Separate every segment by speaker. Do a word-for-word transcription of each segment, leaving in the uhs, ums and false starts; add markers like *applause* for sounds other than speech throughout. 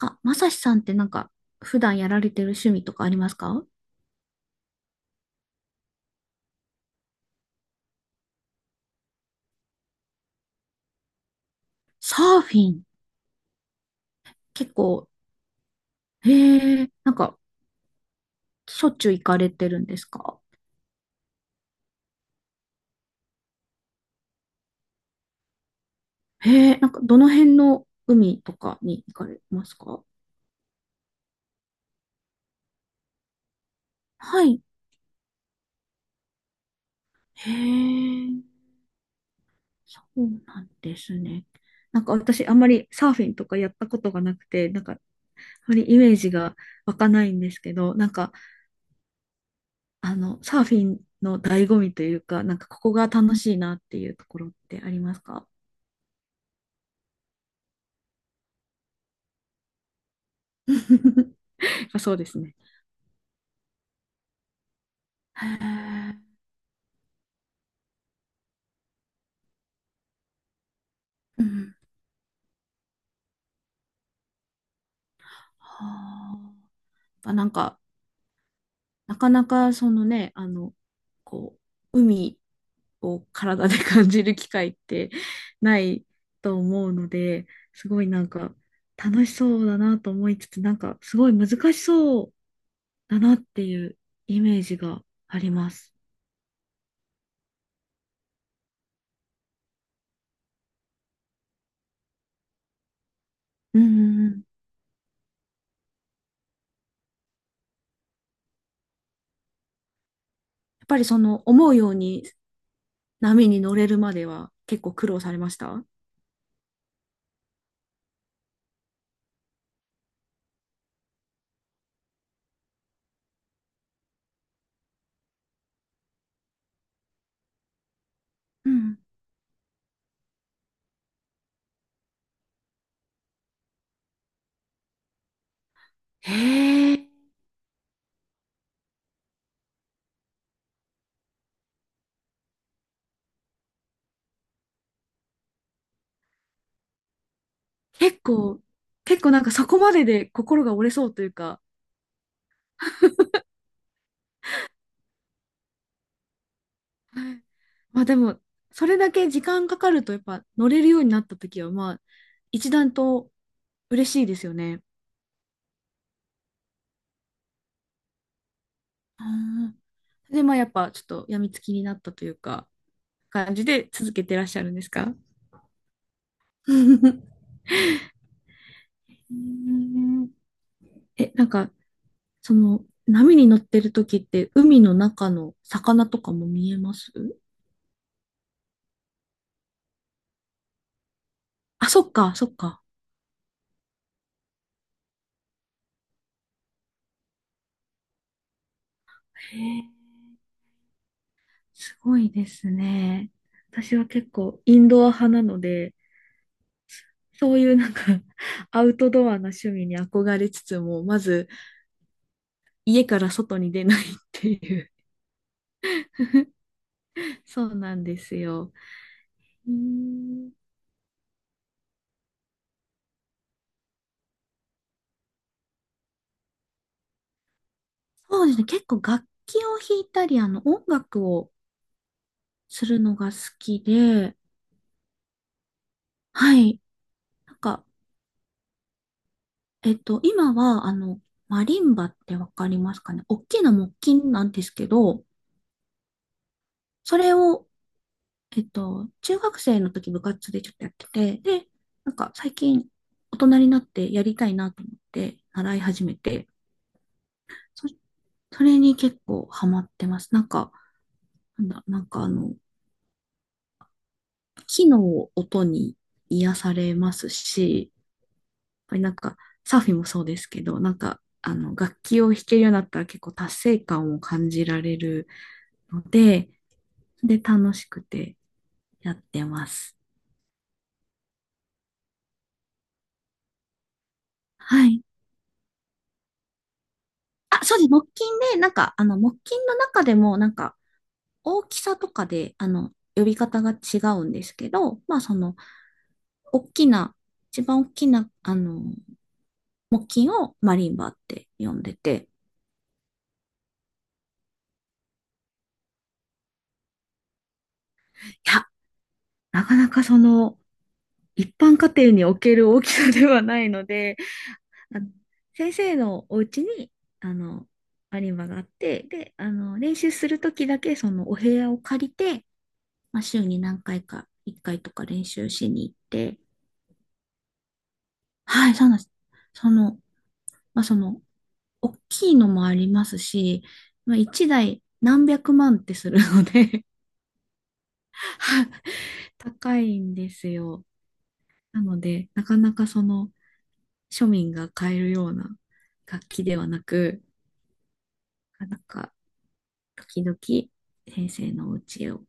Speaker 1: あ、まさしさんってなんか、普段やられてる趣味とかありますか？サーフィン。結構、へえ、なんか、しょっちゅう行かれてるんですか？へえ、なんか、どの辺の海とかに行かれますか？はい。へえ、そうなんですね。なんか私、あんまりサーフィンとかやったことがなくて、なんか、あまりイメージが湧かないんですけど、なんか、あの、サーフィンの醍醐味というか、なんか、ここが楽しいなっていうところってありますか？ *laughs* やっぱそうですね。へえ。うん。はあ。やっぱなんか、なかなかそのね、あの、こう、海を体で *laughs* 感じる機会ってないと思うので、すごいなんか楽しそうだなと思いつつ、なんかすごい難しそうだなっていうイメージがあります。うんうんうん。やっぱりその思うように波に乗れるまでは結構苦労されました？うん。へえ。結構、結構なんかそこまでで心が折れそうというか、はい。まあでも、それだけ時間かかるとやっぱ乗れるようになった時は、まあ、一段と嬉しいですよね。あー、で、まあやっぱちょっと病みつきになったというか、感じで続けてらっしゃるんですか？ *laughs* うーん *laughs* え、なんか、その、波に乗ってる時って海の中の魚とかも見えます？あ、そっか、そっか。へえ、すごいですね。私は結構インドア派なので、そういうなんか *laughs* アウトドアな趣味に憧れつつも、まず家から外に出ないっていう。そうなんですよ。うーん、そうですね。結構楽器を弾いたり、あの音楽をするのが好きで、はい。なんか、えっと、今はあの、マリンバってわかりますかね？大きな木琴なんですけど、それをえっと、中学生の時部活でちょっとやってて、で、なんか最近大人になってやりたいなと思って習い始めて、そ、それに結構ハマってます。なんか、なんだ、なんかあの、木の音に癒されますし、やっぱりなんかサーフィンもそうですけど、なんかあの、楽器を弾けるようになったら結構達成感を感じられるので、で、楽しくてやってます。はい。あ、そうです。木琴で、なんか、あの、木琴の中でも、なんか、大きさとかで、あの、呼び方が違うんですけど、まあ、その、大きな、一番大きな、あの、木琴をマリンバって呼んでて、いや、なかなかその、一般家庭における大きさではないので、あの先生のお家に、あの、マリンバがあって、で、あの、練習するときだけ、その、お部屋を借りて、まあ、週に何回か、いっかいとか練習しに行って、はい、そうなんです。その、まあ、その、大きいのもありますし、まあ、いちだい何百万ってするので *laughs* はい。高いんですよ。なので、なかなかその、庶民が買えるような楽器ではなく、なんか、時々、先生のお家を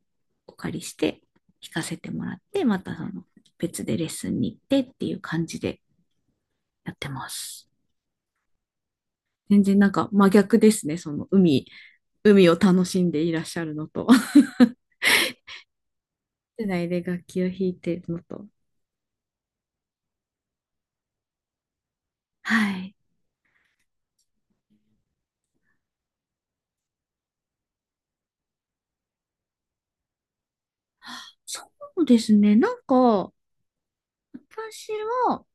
Speaker 1: お借りして、弾かせてもらって、またその、別でレッスンに行ってっていう感じでやってます。全然なんか真逆ですね、その海海を楽しんでいらっしゃるのと、*laughs* 室内で楽器を弾いているのと。はい。そうですね。なんか、私は、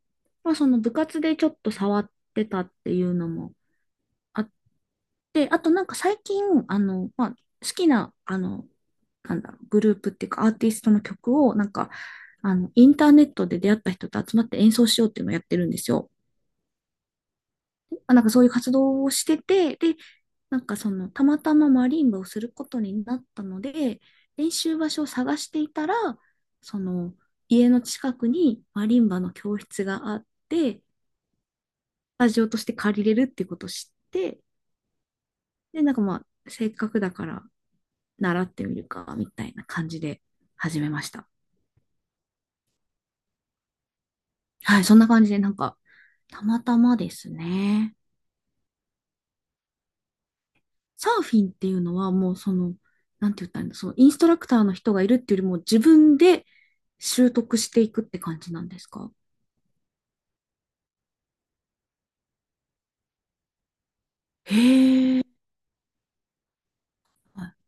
Speaker 1: まあ、その部活でちょっと触ってたっていうのもあって、あとなんか最近、あの、まあ、好きな、あの、なんだろう、グループっていうかアーティストの曲を、なんか、あの、インターネットで出会った人と集まって演奏しようっていうのをやってるんですよ。あ、なんかそういう活動をしてて、で、なんかその、たまたまマリンバをすることになったので、練習場所を探していたら、その、家の近くにマリンバの教室があって、スタジオとして借りれるってことを知って、で、なんかまあ、せっかくだから習ってみるか、みたいな感じで始めました。はい、そんな感じで、なんか、たまたまですね。サーフィンっていうのはもうその、なんて言ったらいいんだ、そのインストラクターの人がいるっていうよりも自分で習得していくって感じなんですか？へえ、はい。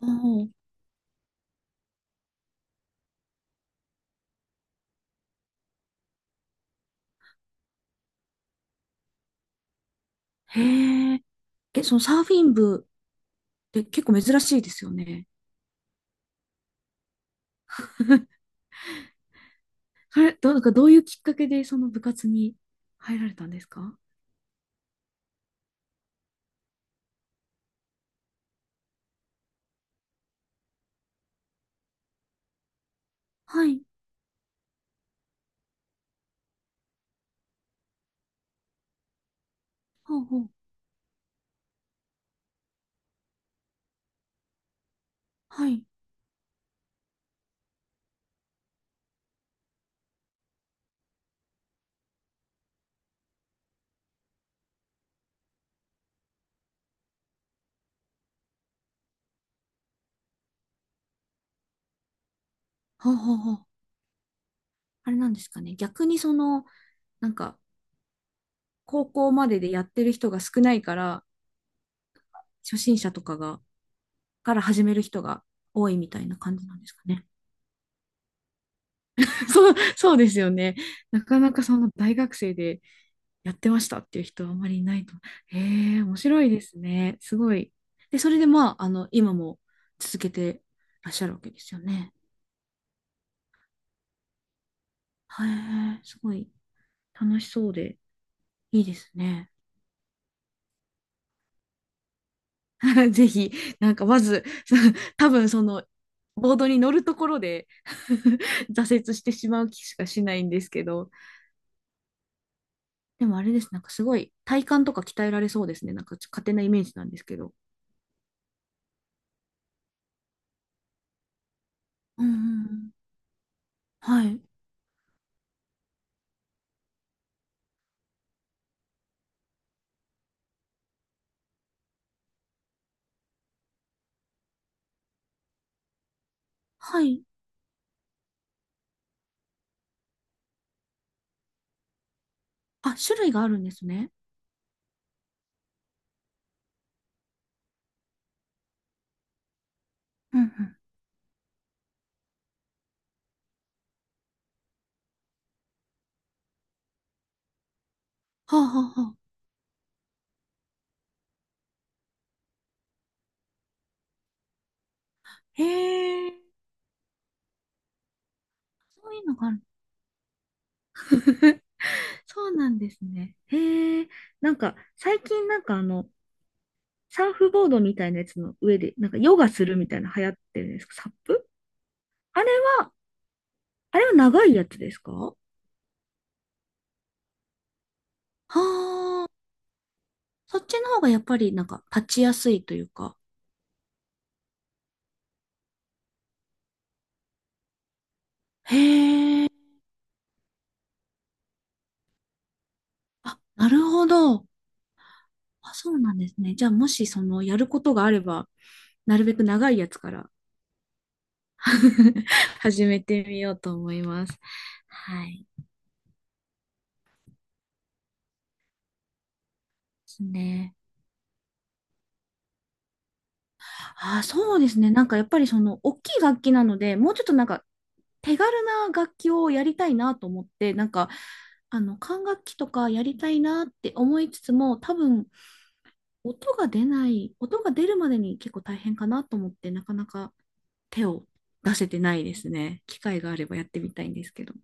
Speaker 1: おー、へえ。え、そのサーフィン部って結構珍しいですよね。それ、どう、なんかどういうきっかけでその部活に入られたんですか？はい。ほうほう。はい。ほうほうほう。あれなんですかね。逆にその、なんか、高校まででやってる人が少ないから、初心者とかがから始める人が多いみたいな感じなんですかね。*laughs* そう、そうですよね。なかなかその大学生でやってましたっていう人はあまりいないと。へえ、面白いですね。すごい。で、それでまあ、あの、今も続けてらっしゃるわけですよね。へえ、すごい楽しそうでいいですね。*laughs* ぜひ、なんかまず、*laughs* そ多分その、ボードに乗るところで *laughs* 挫折してしまう気しかしないんですけど、でもあれです。なんかすごい体幹とか鍛えられそうですね。なんかちょ勝手なイメージなんですけど。うんうんうん。はい。はい。あ、種類があるんですね。うんうん。はあはあはあ。へえ。そういうのがある。*laughs* そうなんですね。へえ。なんか最近なんかあの、サーフボードみたいなやつの上で、なんかヨガするみたいな流行ってるんですか？サップ？あれは、あれは長いやつですか？はあ。そっちの方がやっぱりなんか立ちやすいというか。へえ。あ、なるほど。あ、そうなんですね。じゃあ、もしその、やることがあれば、なるべく長いやつから *laughs* 始めてみようと思います。はい。ですね。あ、そうですね。なんかやっぱりその、大きい楽器なので、もうちょっとなんか、手軽な楽器をやりたいなと思って、なんか、あの、管楽器とかやりたいなって思いつつも、多分、音が出ない、音が出るまでに結構大変かなと思って、なかなか手を出せてないですね。機会があればやってみたいんですけど。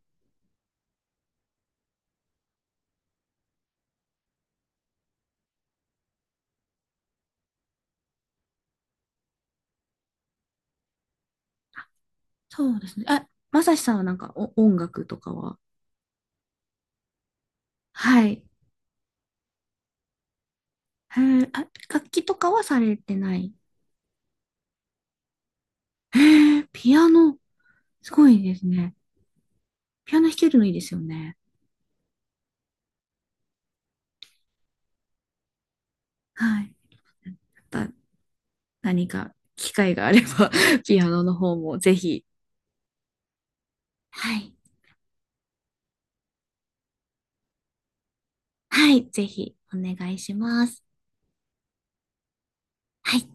Speaker 1: そうですね。あ、まさしさんはなんかお音楽とかは？はい。へえ、あ、楽器とかはされてない？へえ、ピアノ、すごいですね。ピアノ弾けるのいいですよね。はい。また何か機会があれば *laughs* ピアノの方もぜひ。はい。はい、ぜひお願いします。はい。